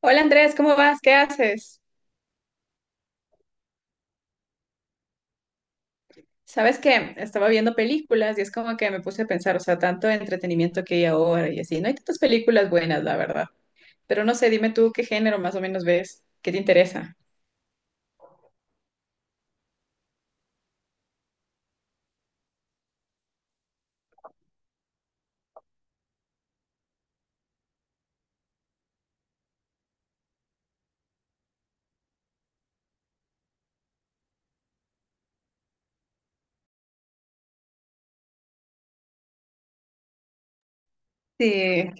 Hola Andrés, ¿cómo vas? ¿Qué haces? Sabes que estaba viendo películas y es como que me puse a pensar, o sea, tanto entretenimiento que hay ahora y así. No hay tantas películas buenas, la verdad. Pero no sé, dime tú qué género más o menos ves, qué te interesa. Sí,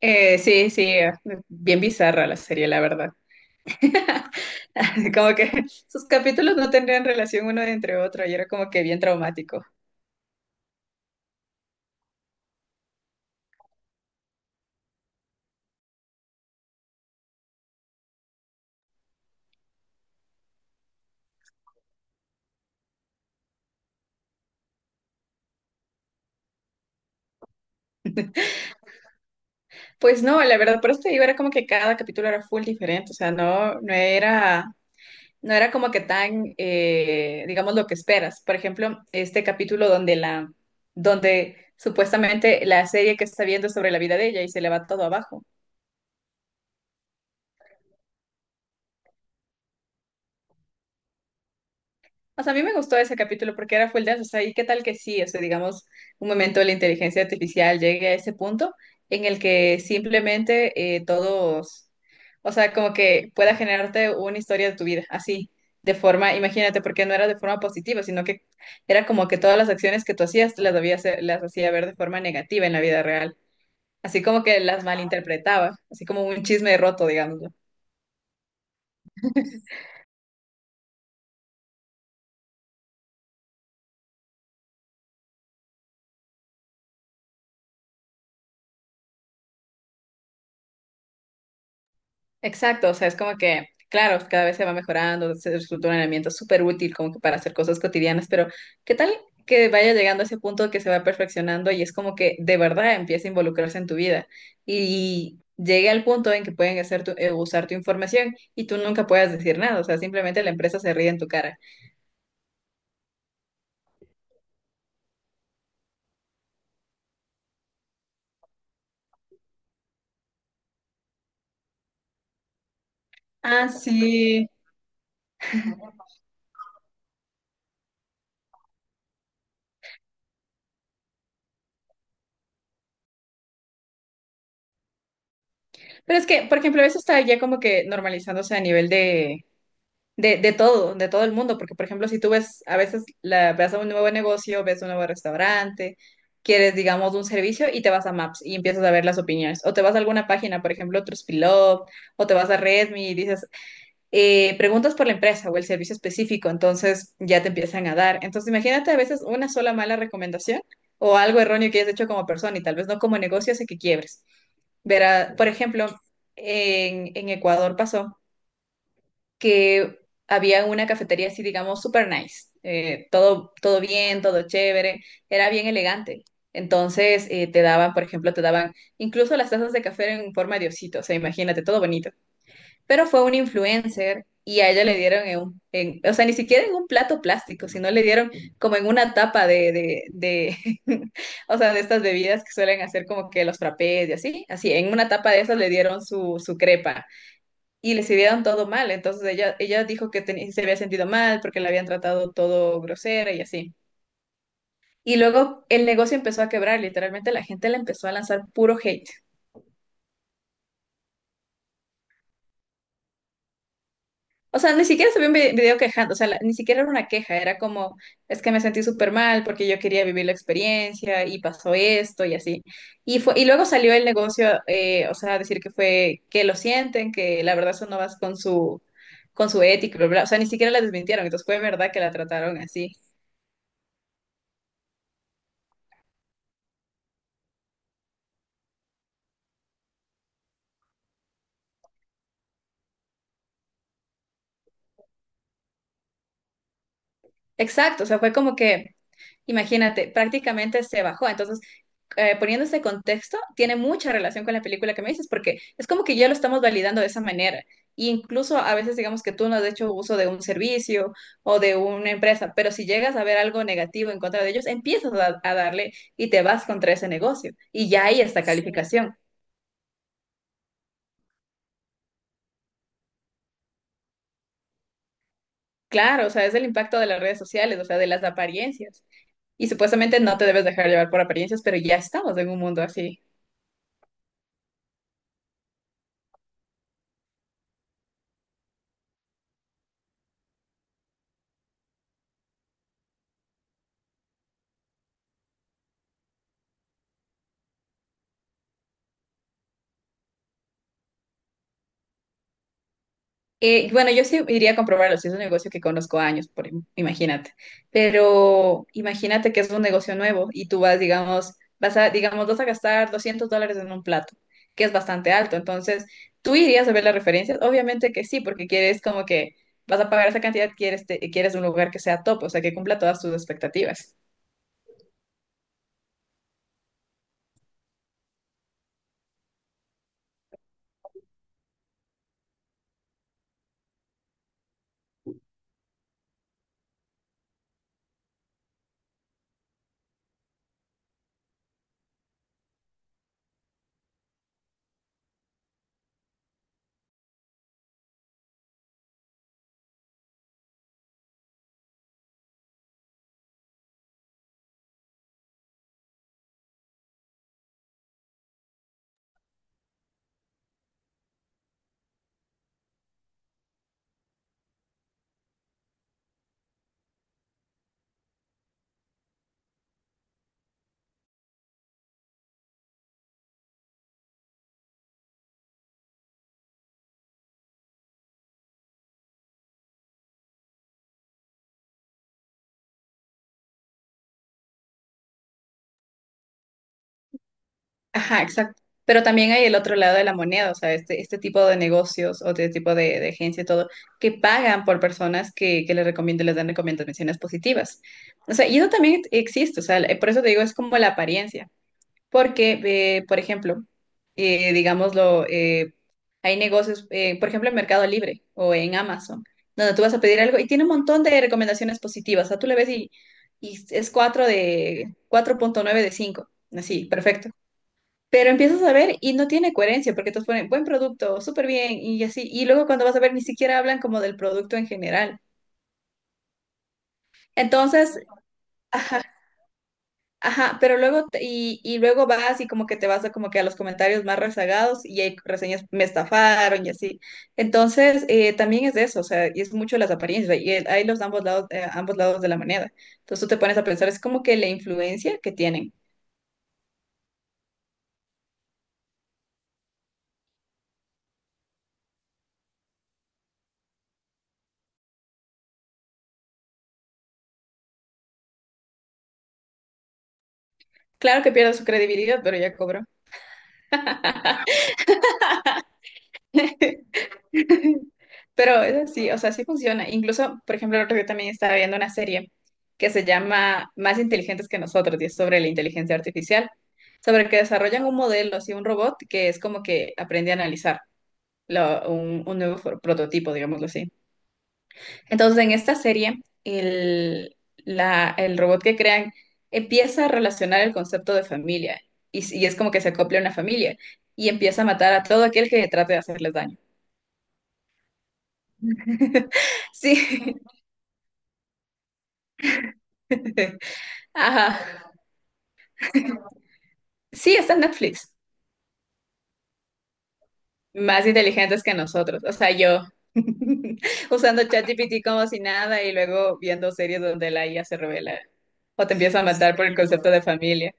sí, sí, bien bizarra la serie, la verdad. Como que sus capítulos no tendrían relación uno entre otro y era como que bien traumático. Pues no, la verdad, por eso te digo, era como que cada capítulo era full diferente, o sea, no, no era como que tan, digamos, lo que esperas. Por ejemplo, este capítulo donde supuestamente la serie que está viendo es sobre la vida de ella y se le va todo abajo. O sea, a mí me gustó ese capítulo porque era full dance, o sea, y qué tal que sí, o sea, digamos, un momento de la inteligencia artificial llegue a ese punto en el que simplemente todos, o sea, como que pueda generarte una historia de tu vida, así, de forma, imagínate, porque no era de forma positiva, sino que era como que todas las acciones que tú hacías las hacía ver de forma negativa en la vida real, así como que las malinterpretaba, así como un chisme roto, digamos. ¿No? Exacto, o sea, es como que, claro, cada vez se va mejorando, se resulta un herramienta súper útil como que para hacer cosas cotidianas, pero ¿qué tal que vaya llegando a ese punto que se va perfeccionando y es como que de verdad empieza a involucrarse en tu vida y llegue al punto en que pueden usar tu información y tú nunca puedas decir nada, o sea, simplemente la empresa se ríe en tu cara. Ah, sí. Pero es que, por ejemplo, eso está ya como que normalizándose a nivel de todo el mundo, porque por ejemplo, si tú ves, a veces ves a un nuevo negocio, ves un nuevo restaurante, quieres, digamos, un servicio y te vas a Maps y empiezas a ver las opiniones, o te vas a alguna página, por ejemplo, Trustpilot, o te vas a Redmi y dices, preguntas por la empresa o el servicio específico, entonces ya te empiezan a dar. Entonces, imagínate a veces una sola mala recomendación o algo erróneo que hayas hecho como persona y tal vez no como negocio hace que quiebres. Verá, por ejemplo, en Ecuador pasó que había una cafetería así, digamos, super nice. Todo bien, todo chévere, era bien elegante. Entonces te daban, por ejemplo, te daban incluso las tazas de café en forma de osito, o sea, imagínate, todo bonito. Pero fue un influencer y a ella le dieron o sea, ni siquiera en un plato plástico, sino le dieron como en una tapa de, o sea, de estas bebidas que suelen hacer como que los frappés y así, así, en una tapa de esas le dieron su crepa y le sirvieron todo mal. Entonces ella dijo que se había sentido mal porque la habían tratado todo grosera y así. Y luego el negocio empezó a quebrar, literalmente la gente le empezó a lanzar puro hate. O sea, ni siquiera se vio un video quejando, o sea, ni siquiera era una queja, era como, es que me sentí súper mal porque yo quería vivir la experiencia y pasó esto y así. Y luego salió el negocio, o sea, a decir que fue, que lo sienten, que la verdad eso no va con su ética, bla, bla, bla. O sea, ni siquiera la desmintieron, entonces fue verdad que la trataron así. Exacto, o sea, fue como que, imagínate, prácticamente se bajó. Entonces, poniendo ese contexto, tiene mucha relación con la película que me dices, porque es como que ya lo estamos validando de esa manera. Y incluso a veces digamos que tú no has hecho uso de un servicio o de una empresa, pero si llegas a ver algo negativo en contra de ellos, empiezas a darle y te vas contra ese negocio. Y ya hay esta, sí, calificación. Claro, o sea, es el impacto de las redes sociales, o sea, de las apariencias. Y supuestamente no te debes dejar llevar por apariencias, pero ya estamos en un mundo así. Bueno, yo sí iría a comprobarlo, si es un negocio que conozco años, por, imagínate. Pero imagínate que es un negocio nuevo y tú vas, digamos, vas a gastar $200 en un plato, que es bastante alto. Entonces, ¿tú irías a ver las referencias? Obviamente que sí, porque quieres como que vas a pagar esa cantidad, quieres un lugar que sea top, o sea, que cumpla todas tus expectativas. Ajá, exacto. Pero también hay el otro lado de la moneda, o sea, este tipo de negocios o este tipo de agencia y todo, que pagan por personas que les recomiendan, les dan recomendaciones positivas. O sea, y eso también existe, o sea, por eso te digo, es como la apariencia. Porque, por ejemplo, digámoslo, hay negocios, por ejemplo, en Mercado Libre o en Amazon, donde tú vas a pedir algo y tiene un montón de recomendaciones positivas. O sea, tú le ves y es 4 de 4.9 de cinco. Así, perfecto. Pero empiezas a ver y no tiene coherencia porque te ponen buen producto, súper bien y así. Y luego cuando vas a ver, ni siquiera hablan como del producto en general. Entonces, ajá, ajá, pero luego, y luego vas y como que te vas a como que a los comentarios más rezagados y hay reseñas, me estafaron y así. Entonces, también es de eso, o sea, y es mucho las apariencias, y el- hay los ambos lados de la moneda. Entonces tú te pones a pensar, es como que la influencia que tienen. Claro que pierde su credibilidad, pero ya cobró. Pero es así, o sea, sí funciona. Incluso, por ejemplo, el otro día también estaba viendo una serie que se llama Más inteligentes que nosotros y es sobre la inteligencia artificial, sobre que desarrollan un modelo, así un robot que es como que aprende a analizar un nuevo prototipo, digámoslo así. Entonces, en esta serie, el robot que crean empieza a relacionar el concepto de familia y, y es como que se acopla a una familia y empieza a matar a todo aquel que trate de hacerles daño. Sí, Ajá. Sí, está en Netflix. Más inteligentes que nosotros. O sea, yo usando ChatGPT como si nada y luego viendo series donde la IA se revela o te empieza a matar por el concepto de familia.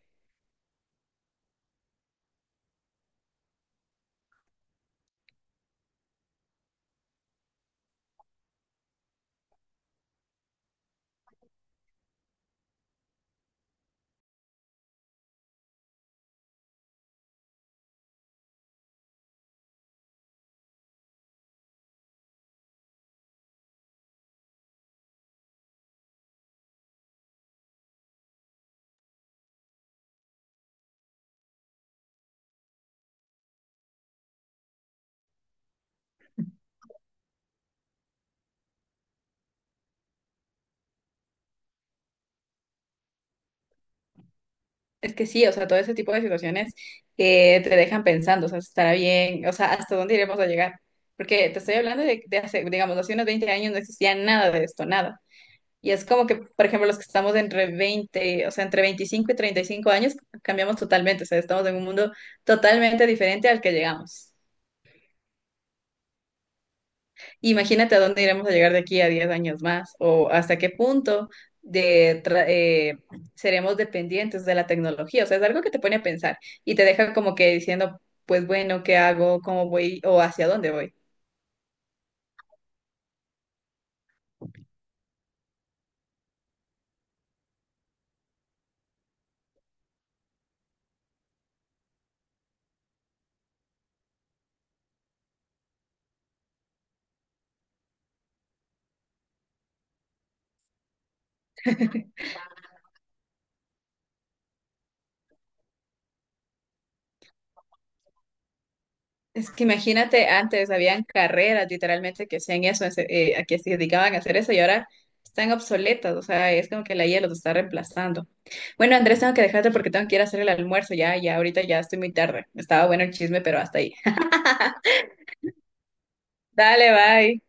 Es que sí, o sea, todo ese tipo de situaciones que te dejan pensando, o sea, estará bien, o sea, hasta dónde iremos a llegar. Porque te estoy hablando de, hace, digamos, hace unos 20 años no existía nada de esto, nada. Y es como que, por ejemplo, los que estamos entre 20 o sea, entre 25 y 35 años, cambiamos totalmente, o sea, estamos en un mundo totalmente diferente al que llegamos. Imagínate a dónde iremos a llegar de aquí a 10 años más o hasta qué punto de seremos dependientes de la tecnología. O sea, es algo que te pone a pensar y te deja como que diciendo, pues bueno, ¿qué hago? ¿Cómo voy? ¿O hacia dónde voy? Es que imagínate, antes habían carreras literalmente que hacían eso, a que se dedicaban a hacer eso y ahora están obsoletas. O sea, es como que la IA los está reemplazando. Bueno, Andrés, tengo que dejarte porque tengo que ir a hacer el almuerzo. Ya, ya, ahorita ya estoy muy tarde. Estaba bueno el chisme, pero hasta ahí. Dale, bye.